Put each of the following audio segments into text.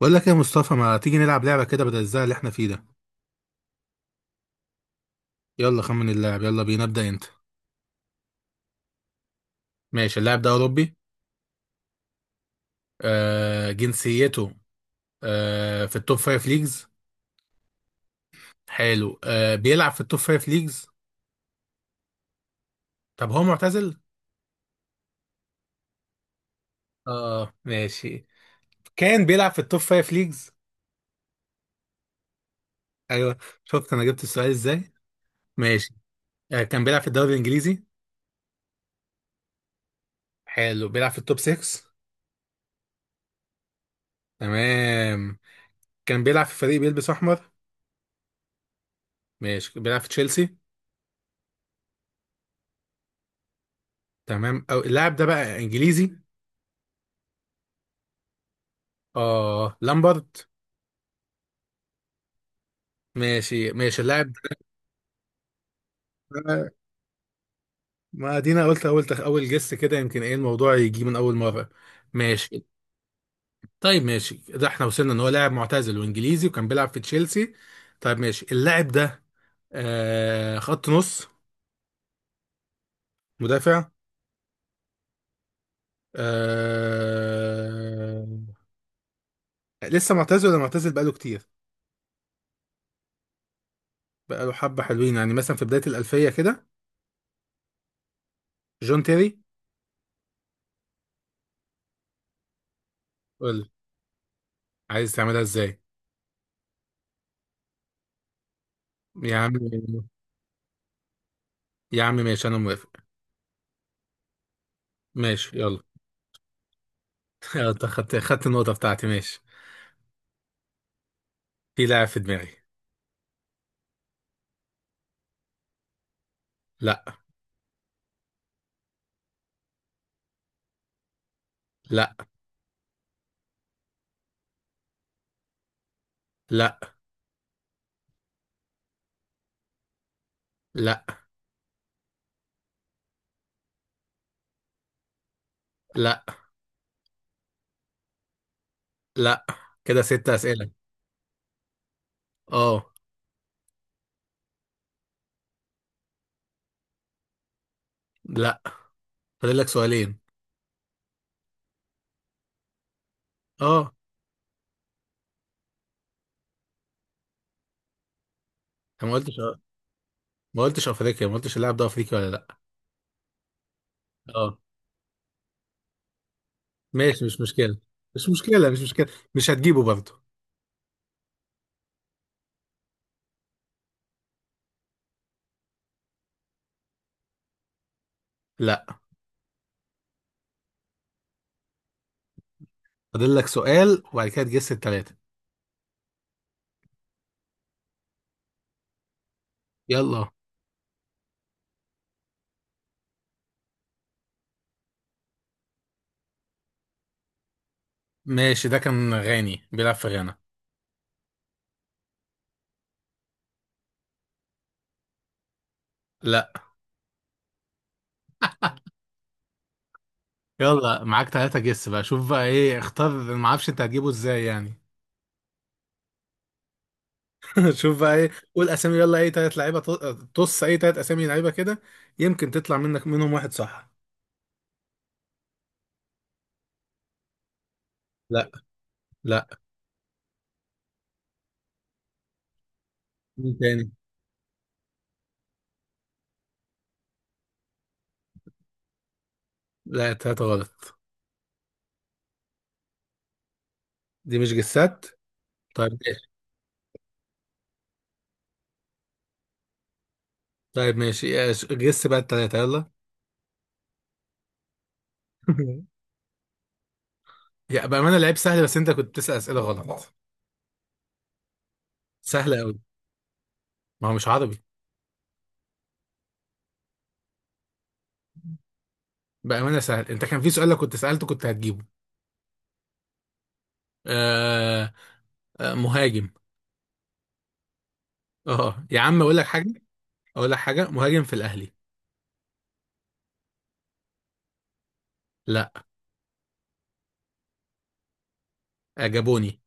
بقول لك يا مصطفى، ما تيجي نلعب لعبة كده بدل الزهق اللي احنا فيه ده؟ يلا خمن اللاعب. يلا بينا، ابدأ انت. ماشي، اللاعب ده أوروبي. آه، جنسيته آه في التوب فايف ليجز. حلو، آه بيلعب في التوب فايف ليجز. طب هو معتزل؟ اه ماشي. كان بيلعب في التوب فايف ليجز. ايوه. شفت انا جبت السؤال ازاي. ماشي. آه كان بيلعب في الدوري الانجليزي. حلو، بيلعب في التوب 6. تمام. كان بيلعب في فريق بيلبس احمر. ماشي، بيلعب في تشيلسي. تمام، او اللاعب ده بقى انجليزي. اه، لامبارد. ماشي ماشي اللاعب ده- ما ادينا قلت اول جس كده، يمكن ايه الموضوع يجي من اول مره. ماشي. طيب ماشي، ده احنا وصلنا ان هو لاعب معتزل وانجليزي وكان بيلعب في تشيلسي. طيب ماشي اللاعب ده آه خط نص. مدافع. آه، لسه معتزل ولا معتزل بقاله كتير؟ بقاله حبة حلوين يعني، مثلا في بداية الألفية كده. جون تيري. قول لي، عايز تعملها ازاي؟ يا عم. يا عم ماشي، أنا موافق. ماشي يلا. يلا، انت خدت النقطة بتاعتي. ماشي، في لاعب في دماغي. لا. لا. لا. لا. لا. لا. كده ست أسئلة. اه. لا. فاضل لك سؤالين. اه، انا ما قلتش، ما قلتش افريقيا، ما قلتش اللاعب ده افريقي ولا لا. اه ماشي، مش مشكلة. مش مشكلة مش مشكلة. مش هتجيبه برضه. لا. فاضل لك سؤال وبعد كده تجس التلاتة. يلا ماشي، ده كان غاني بيلعب في غانا. لا. يلا، معاك تلاتة جس بقى، شوف بقى ايه اختار. ما اعرفش انت هتجيبه ازاي يعني. شوف بقى ايه، قول اسامي، يلا اي تلات لعيبه ط- طص اي تلات اسامي لعيبه كده، يمكن تطلع منك منهم واحد صح. لا. لا. مين تاني؟ لا تلاتة غلط. دي مش جسات. طيب ماشي. طيب ماشي إيه، جس بقى التلاتة يلا. يا بأمانة لعيب سهل، بس انت كنت بتسأل أسئلة غلط. سهلة قوي. ما هو مش عربي. بأمانة سهل، انت كان في سؤال لو كنت سألته كنت هتجيبه. آه. آه، مهاجم. اه يا عم، اقول لك حاجة. اقول لك حاجة، مهاجم في الأهلي. لا. آه، جابوني.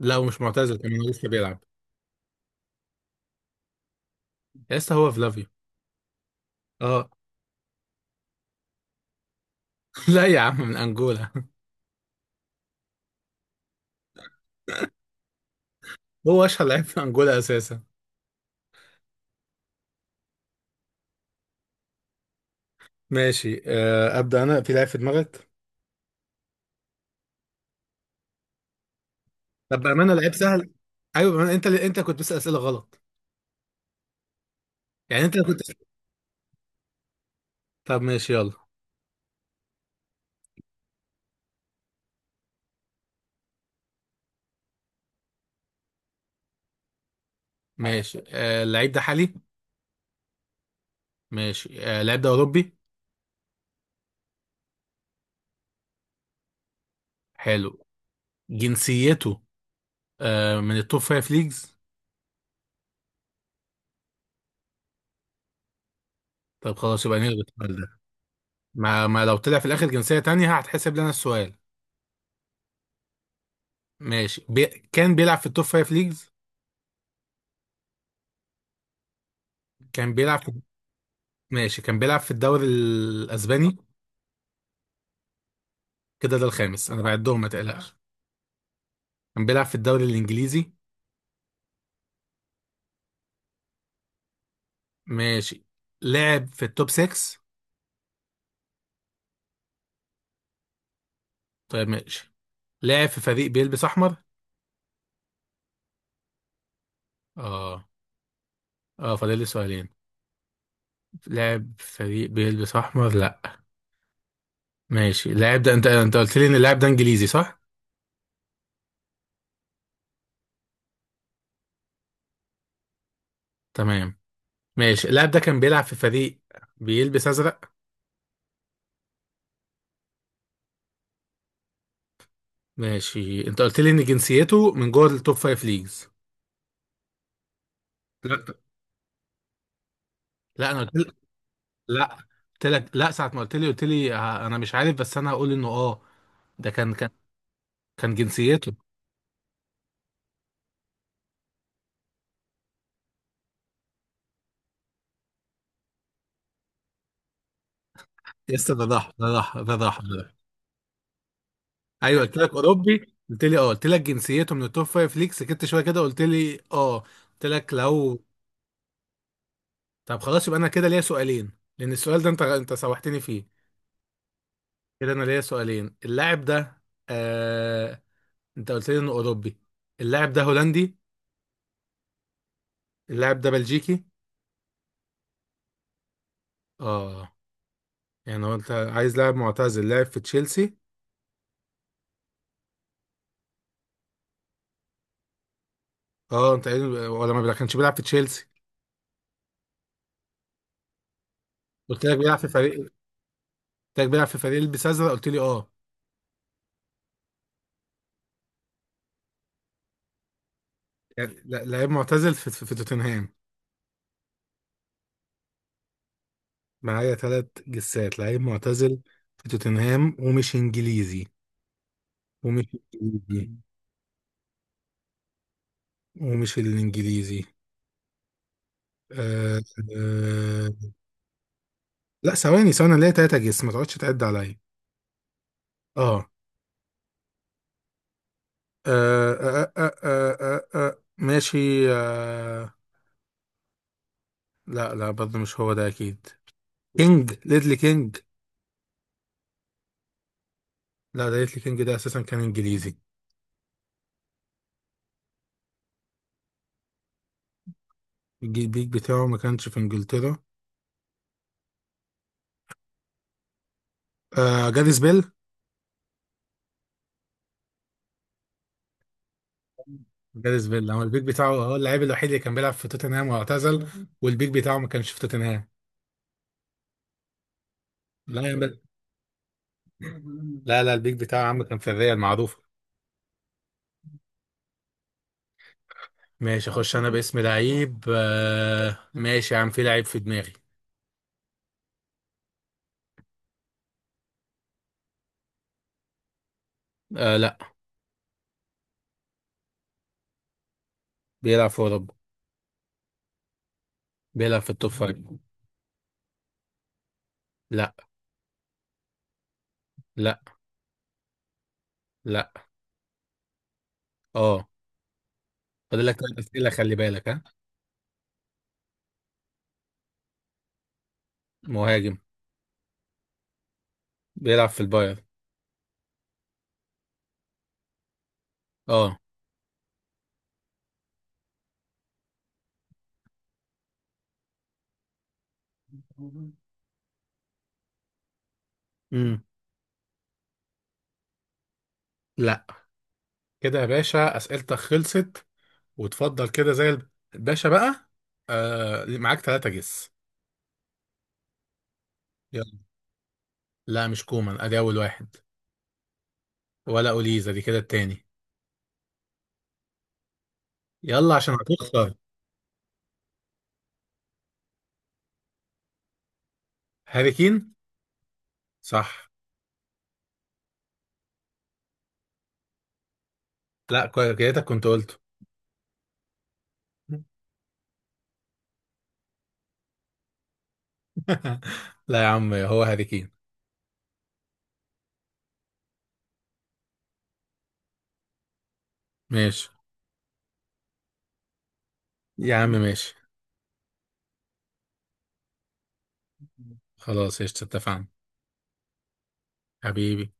لا، ومش معتزل كمان، هو لسه بيلعب. لسه، هو فلافيو. اه. لا يا عم، من انجولا. هو اشهر لعيب في انجولا اساسا. ماشي. آه، ابدا، انا في لعيب في دماغك. طب بامانه لعيب سهل. ايوه بامانه، انت اللي انت كنت بتسال اسئله غلط. يعني انت اللي كنت. طب ماشي يلا. ماشي. آه، اللعيب ده حالي. ماشي. آه، اللعيب ده اوروبي. حلو. جنسيته آه، من التوب فايف ليجز. طب خلاص يبقى نلغي السؤال ده. ما لو طلع في الاخر جنسيه تانية هتحسب لنا السؤال. ماشي كان بيلعب في التوب فايف ليجز. كان بيلعب في. ماشي كان بيلعب في الدوري الاسباني. كده ده الخامس، انا بعدهم ما تقلقش. كان بيلعب في الدوري الانجليزي. ماشي. لعب في التوب 6. طيب ماشي. لعب في فريق بيلبس احمر. اه. اه فاضل لي سؤالين. لعب في فريق بيلبس احمر لا. ماشي اللاعب ده، انت قلت لي ان اللاعب ده انجليزي صح؟ تمام. ماشي اللاعب ده كان بيلعب في فريق بيلبس ازرق. ماشي، انت قلت لي ان جنسيته من جوه التوب 5 ليجز. لا. لا انا قلت، لا قلت لك لا ساعة ما قلت لي. قلت لي انا مش عارف، بس انا هقول انه اه ده كان كان جنسيته. لسه، ده ضحى. ايوه قلت لك اوروبي، قلت لي اه. قلت لك جنسيته من التوب فايف ليك، سكت شويه كده قلت لي اه، قلت لك لو. طب خلاص يبقى انا كده ليا سؤالين، لان السؤال ده انت سوحتني فيه. كده انا ليا سؤالين. اللاعب ده آه، انت قلت لي انه اوروبي. اللاعب ده هولندي. اللاعب ده بلجيكي. اه، يعني هو انت عايز لاعب معتزل لاعب في تشيلسي. اه، انت قايل ولا ما كانش بيلعب في تشيلسي؟ قلت لك بيلعب في فريق، قلت لك بيلعب في فريق البس ازرق قلت لي اه. يعني لعيب معتزل في, في توتنهام. معايا ثلاث جسات، لعيب معتزل في توتنهام ومش انجليزي، ومش انجليزي ومش الانجليزي. آه. آه. لا ثواني ثواني، ليه ثلاثة جس؟ ما تقعدش تعد عليا. اه. ماشي. آه. لا لا، برضه مش هو ده اكيد. ليدلي كينج. لا، ده ليتلي كينج ده اساسا كان انجليزي. البيك بتاعه ما كانش في انجلترا. آه جاريث بيل. جاريث بيل، هو البيك بتاعه هو اللاعب الوحيد اللي كان بيلعب في توتنهام واعتزل. والبيك بتاعه ما كانش في توتنهام. لا يا عم- لا لا، البيك بتاعه يا عم كان في الريال معروف. ماشي اخش انا باسم لعيب. آه ماشي يا عم، في لعيب في دماغي. آه لا. بيلعب في اوروبا. بيلعب في التوب فايف. لا. لا. لا. اه. فاضل لك ثلاث اسئله، خلي بالك ها. مهاجم. بيلعب في البايرن. اه. امم. لا. كده يا باشا اسئلتك خلصت، وتفضل كده زي الباشا بقى. آه، معاك ثلاثة جس. يلا. لا مش كومان، ادي اول واحد. ولا اوليزا دي كده التاني. يلا عشان هتخسر. هاري كين. صح. لا كوي- كده كنت قلته. لا يا عم، هو هاري كين. ماشي يا عم ماشي. خلاص قشطة، اتفقنا. حبيبي.